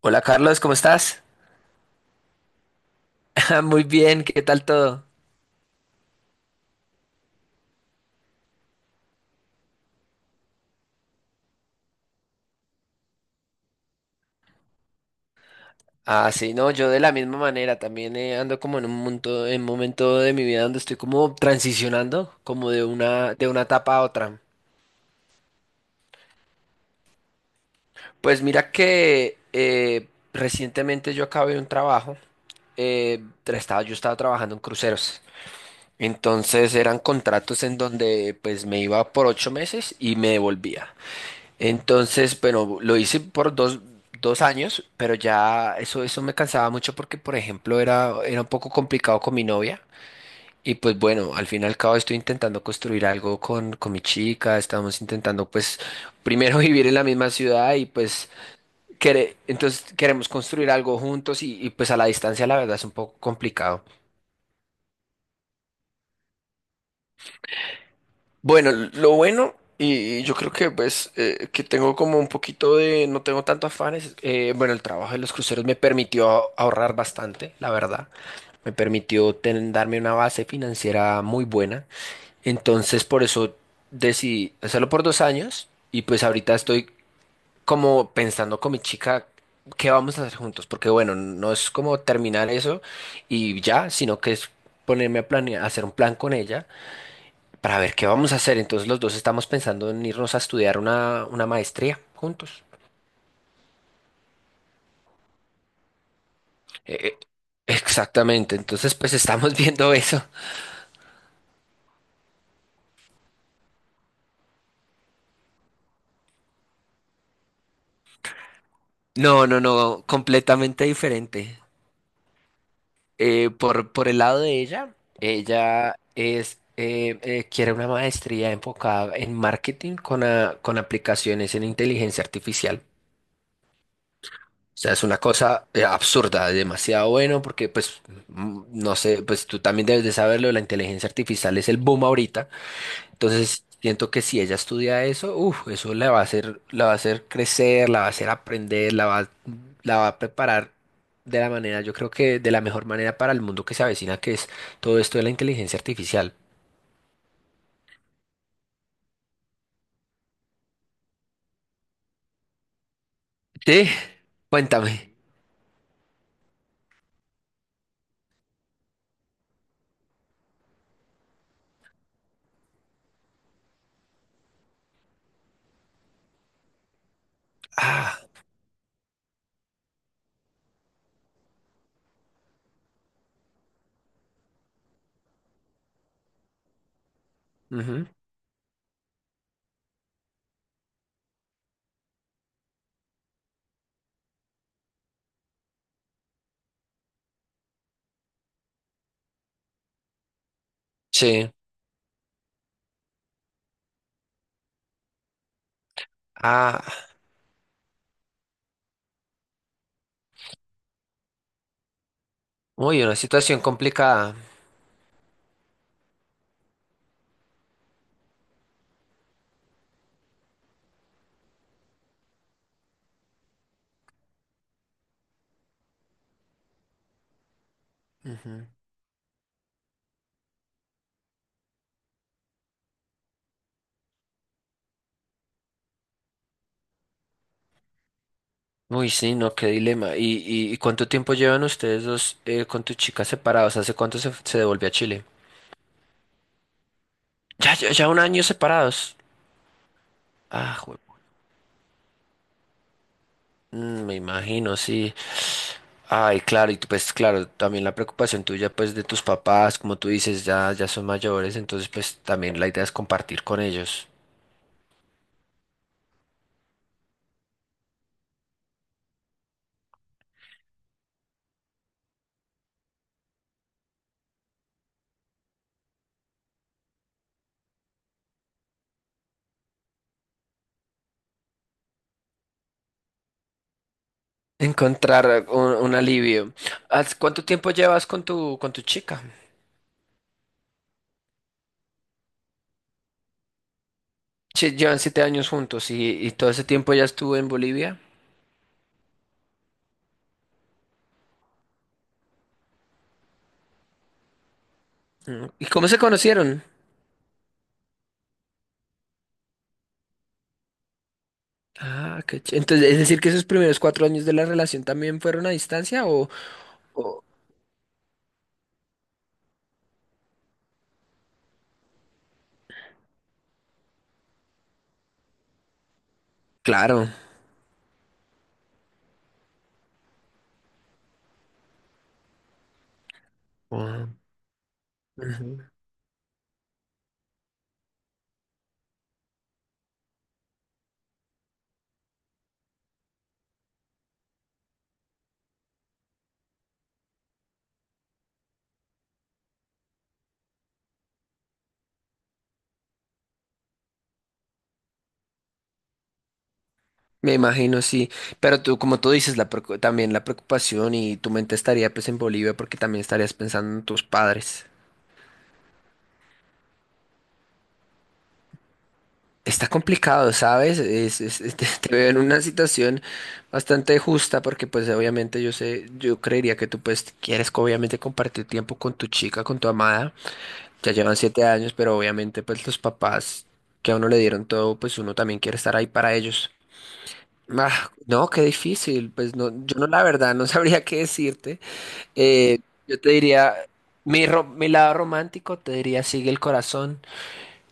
Hola Carlos, ¿cómo estás? Muy bien, ¿qué tal todo? Ah, sí, no, yo de la misma manera también ando como en un momento, en momento de mi vida donde estoy como transicionando, como de una etapa a otra. Pues mira que recientemente yo acabé un trabajo. Yo estaba trabajando en cruceros, entonces eran contratos en donde pues me iba por 8 meses y me devolvía. Entonces, bueno, lo hice por dos años, pero ya eso me cansaba mucho porque, por ejemplo, era un poco complicado con mi novia. Y pues bueno, al fin y al cabo estoy intentando construir algo con mi chica, estamos intentando pues primero vivir en la misma ciudad y pues entonces queremos construir algo juntos y pues a la distancia la verdad es un poco complicado. Bueno, lo bueno, y yo creo que pues que tengo como un poquito de, no tengo tanto afanes. Bueno, el trabajo de los cruceros me permitió ahorrar bastante, la verdad, me permitió darme una base financiera muy buena, entonces por eso decidí hacerlo por 2 años y pues ahorita estoy como pensando con mi chica qué vamos a hacer juntos, porque bueno, no es como terminar eso y ya, sino que es ponerme a planear, hacer un plan con ella para ver qué vamos a hacer. Entonces los dos estamos pensando en irnos a estudiar una maestría juntos. Eh, eh, Exactamente, entonces pues estamos viendo eso. No, no, no, completamente diferente. Por el lado de ella, ella quiere una maestría enfocada en marketing con, con aplicaciones en inteligencia artificial. O sea, es una cosa absurda, demasiado bueno, porque pues, no sé, pues tú también debes de saberlo, la inteligencia artificial es el boom ahorita. Entonces, siento que si ella estudia eso, uf, eso la va a hacer, la va a hacer crecer, la va a hacer aprender, la va a preparar de la manera, yo creo que de la mejor manera para el mundo que se avecina, que es todo esto de la inteligencia artificial. Sí, cuéntame. Ah, ujú. Sí. Ah, uy, una situación complicada. Ujú. Uy, sí, no, qué dilema. ¿Y cuánto tiempo llevan ustedes dos con tu chica separados? ¿Hace cuánto se devolvió a Chile? Ya, ya, ya un año separados. Ah. Mm, me imagino, sí. Ay, claro, y tú, pues claro, también la preocupación tuya, pues de tus papás, como tú dices, ya, ya son mayores, entonces pues también la idea es compartir con ellos. Encontrar un alivio. Cuánto tiempo llevas con tu chica? Che, llevan 7 años juntos y todo ese tiempo ya estuvo en Bolivia. Mm, ¿y cómo se conocieron? Ah, entonces, es decir que esos primeros 4 años de la relación también fueron a distancia o- Claro. Wow. Me imagino, sí, pero tú, como tú dices, también la preocupación y tu mente estaría pues en Bolivia porque también estarías pensando en tus padres. Está complicado, ¿sabes? Te veo en una situación bastante justa porque pues obviamente yo sé, yo creería que tú pues quieres obviamente compartir tiempo con tu chica, con tu amada, ya llevan 7 años, pero obviamente pues los papás que a uno le dieron todo, pues uno también quiere estar ahí para ellos. Ah, no, qué difícil, pues no, yo no la verdad no sabría qué decirte. Eh, yo te diría, mi lado romántico te diría sigue el corazón,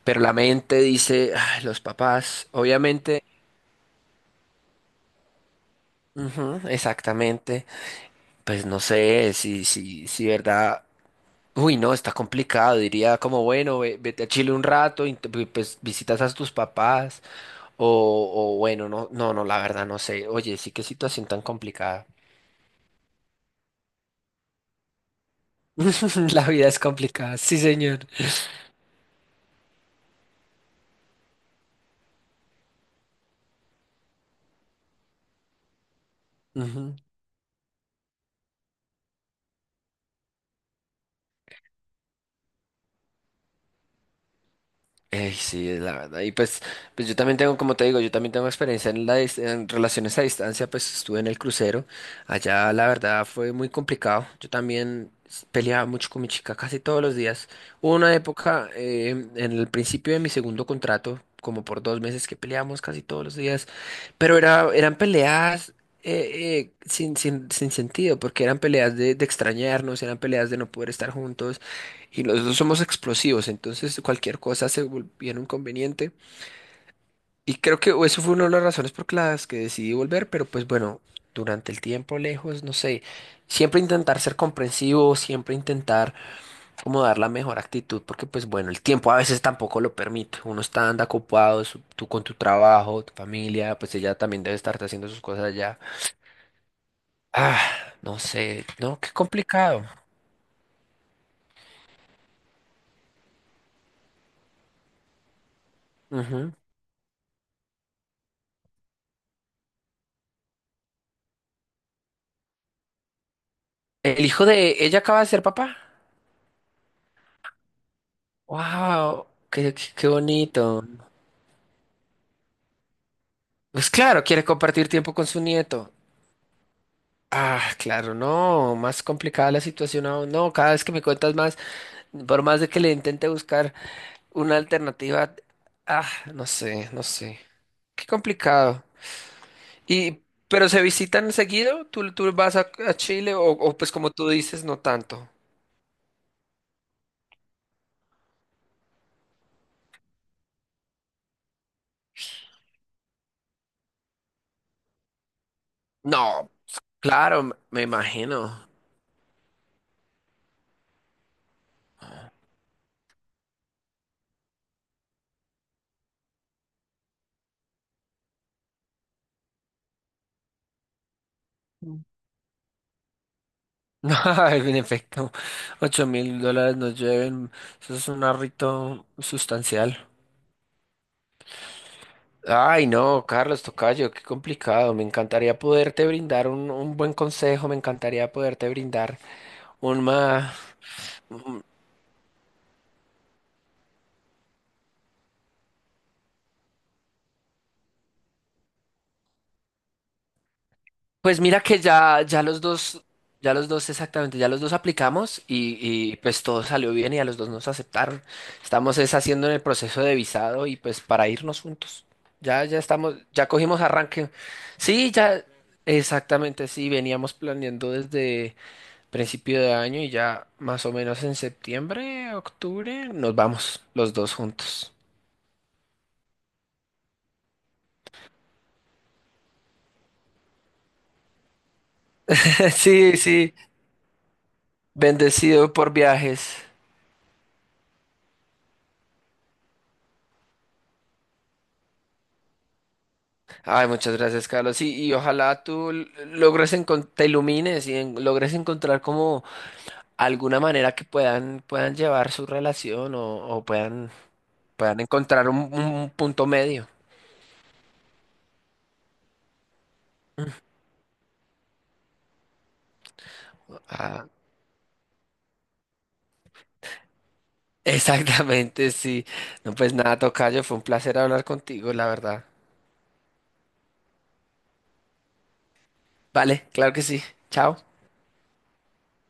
pero la mente dice, "Ay, los papás, obviamente", ujú, exactamente, pues no sé, si verdad, uy, no, está complicado, diría como, bueno, vete a Chile un rato, y pues visitas a tus papás, o, o bueno, no, no, no, la verdad, no sé, oye, sí, qué situación tan complicada. La vida es complicada, sí, señor. Ujú. Ey, sí, es la verdad. Y pues, pues yo también tengo, como te digo, yo también tengo experiencia en relaciones a distancia, pues estuve en el crucero. Allá la verdad fue muy complicado. Yo también peleaba mucho con mi chica casi todos los días. Hubo una época en el principio de mi segundo contrato, como por 2 meses que peleábamos casi todos los días, pero era, eran peleas sin sentido, porque eran peleas de extrañarnos, eran peleas de no poder estar juntos y los dos somos explosivos, entonces cualquier cosa se volviera un conveniente. Y creo que eso fue una de las razones por las que decidí volver, pero pues bueno, durante el tiempo lejos, no sé, siempre intentar ser comprensivo, siempre intentar como dar la mejor actitud, porque pues bueno, el tiempo a veces tampoco lo permite. Uno está anda ocupado, tú con tu trabajo, tu familia, pues ella también debe estar haciendo sus cosas allá. Ah, no sé, no, qué complicado. Ujú. El hijo de ella acaba de ser papá. Wow, qué, qué, qué bonito. Pues claro, quiere compartir tiempo con su nieto. Ah, claro, no, más complicada la situación aún. No, cada vez que me cuentas más, por más de que le intente buscar una alternativa, ah, no sé, no sé. Qué complicado. Y, pero se visitan seguido, tú vas a Chile o pues como tú dices, no tanto. No, claro, me imagino. En efecto, $8,000 nos lleven. Eso es un arrito sustancial. Ay, no, Carlos Tocayo, qué complicado. Me encantaría poderte brindar un buen consejo, me encantaría poderte brindar una, pues mira que ya los dos exactamente, ya los dos aplicamos y pues todo salió bien y a los dos nos aceptaron. Estamos es haciendo en el proceso de visado y pues para irnos juntos. Ya, ya cogimos arranque. Sí, ya, exactamente, sí, veníamos planeando desde principio de año y ya más o menos en septiembre, octubre, nos vamos los dos juntos. Sí, sí, bendecido por viajes. Ay, muchas gracias, Carlos. Y ojalá tú logres te ilumines y logres encontrar como alguna manera que puedan, puedan llevar su relación o puedan, puedan encontrar un punto medio. Ah, exactamente, sí. No, pues nada, tocayo, fue un placer hablar contigo, la verdad. Vale, claro que sí. Chao.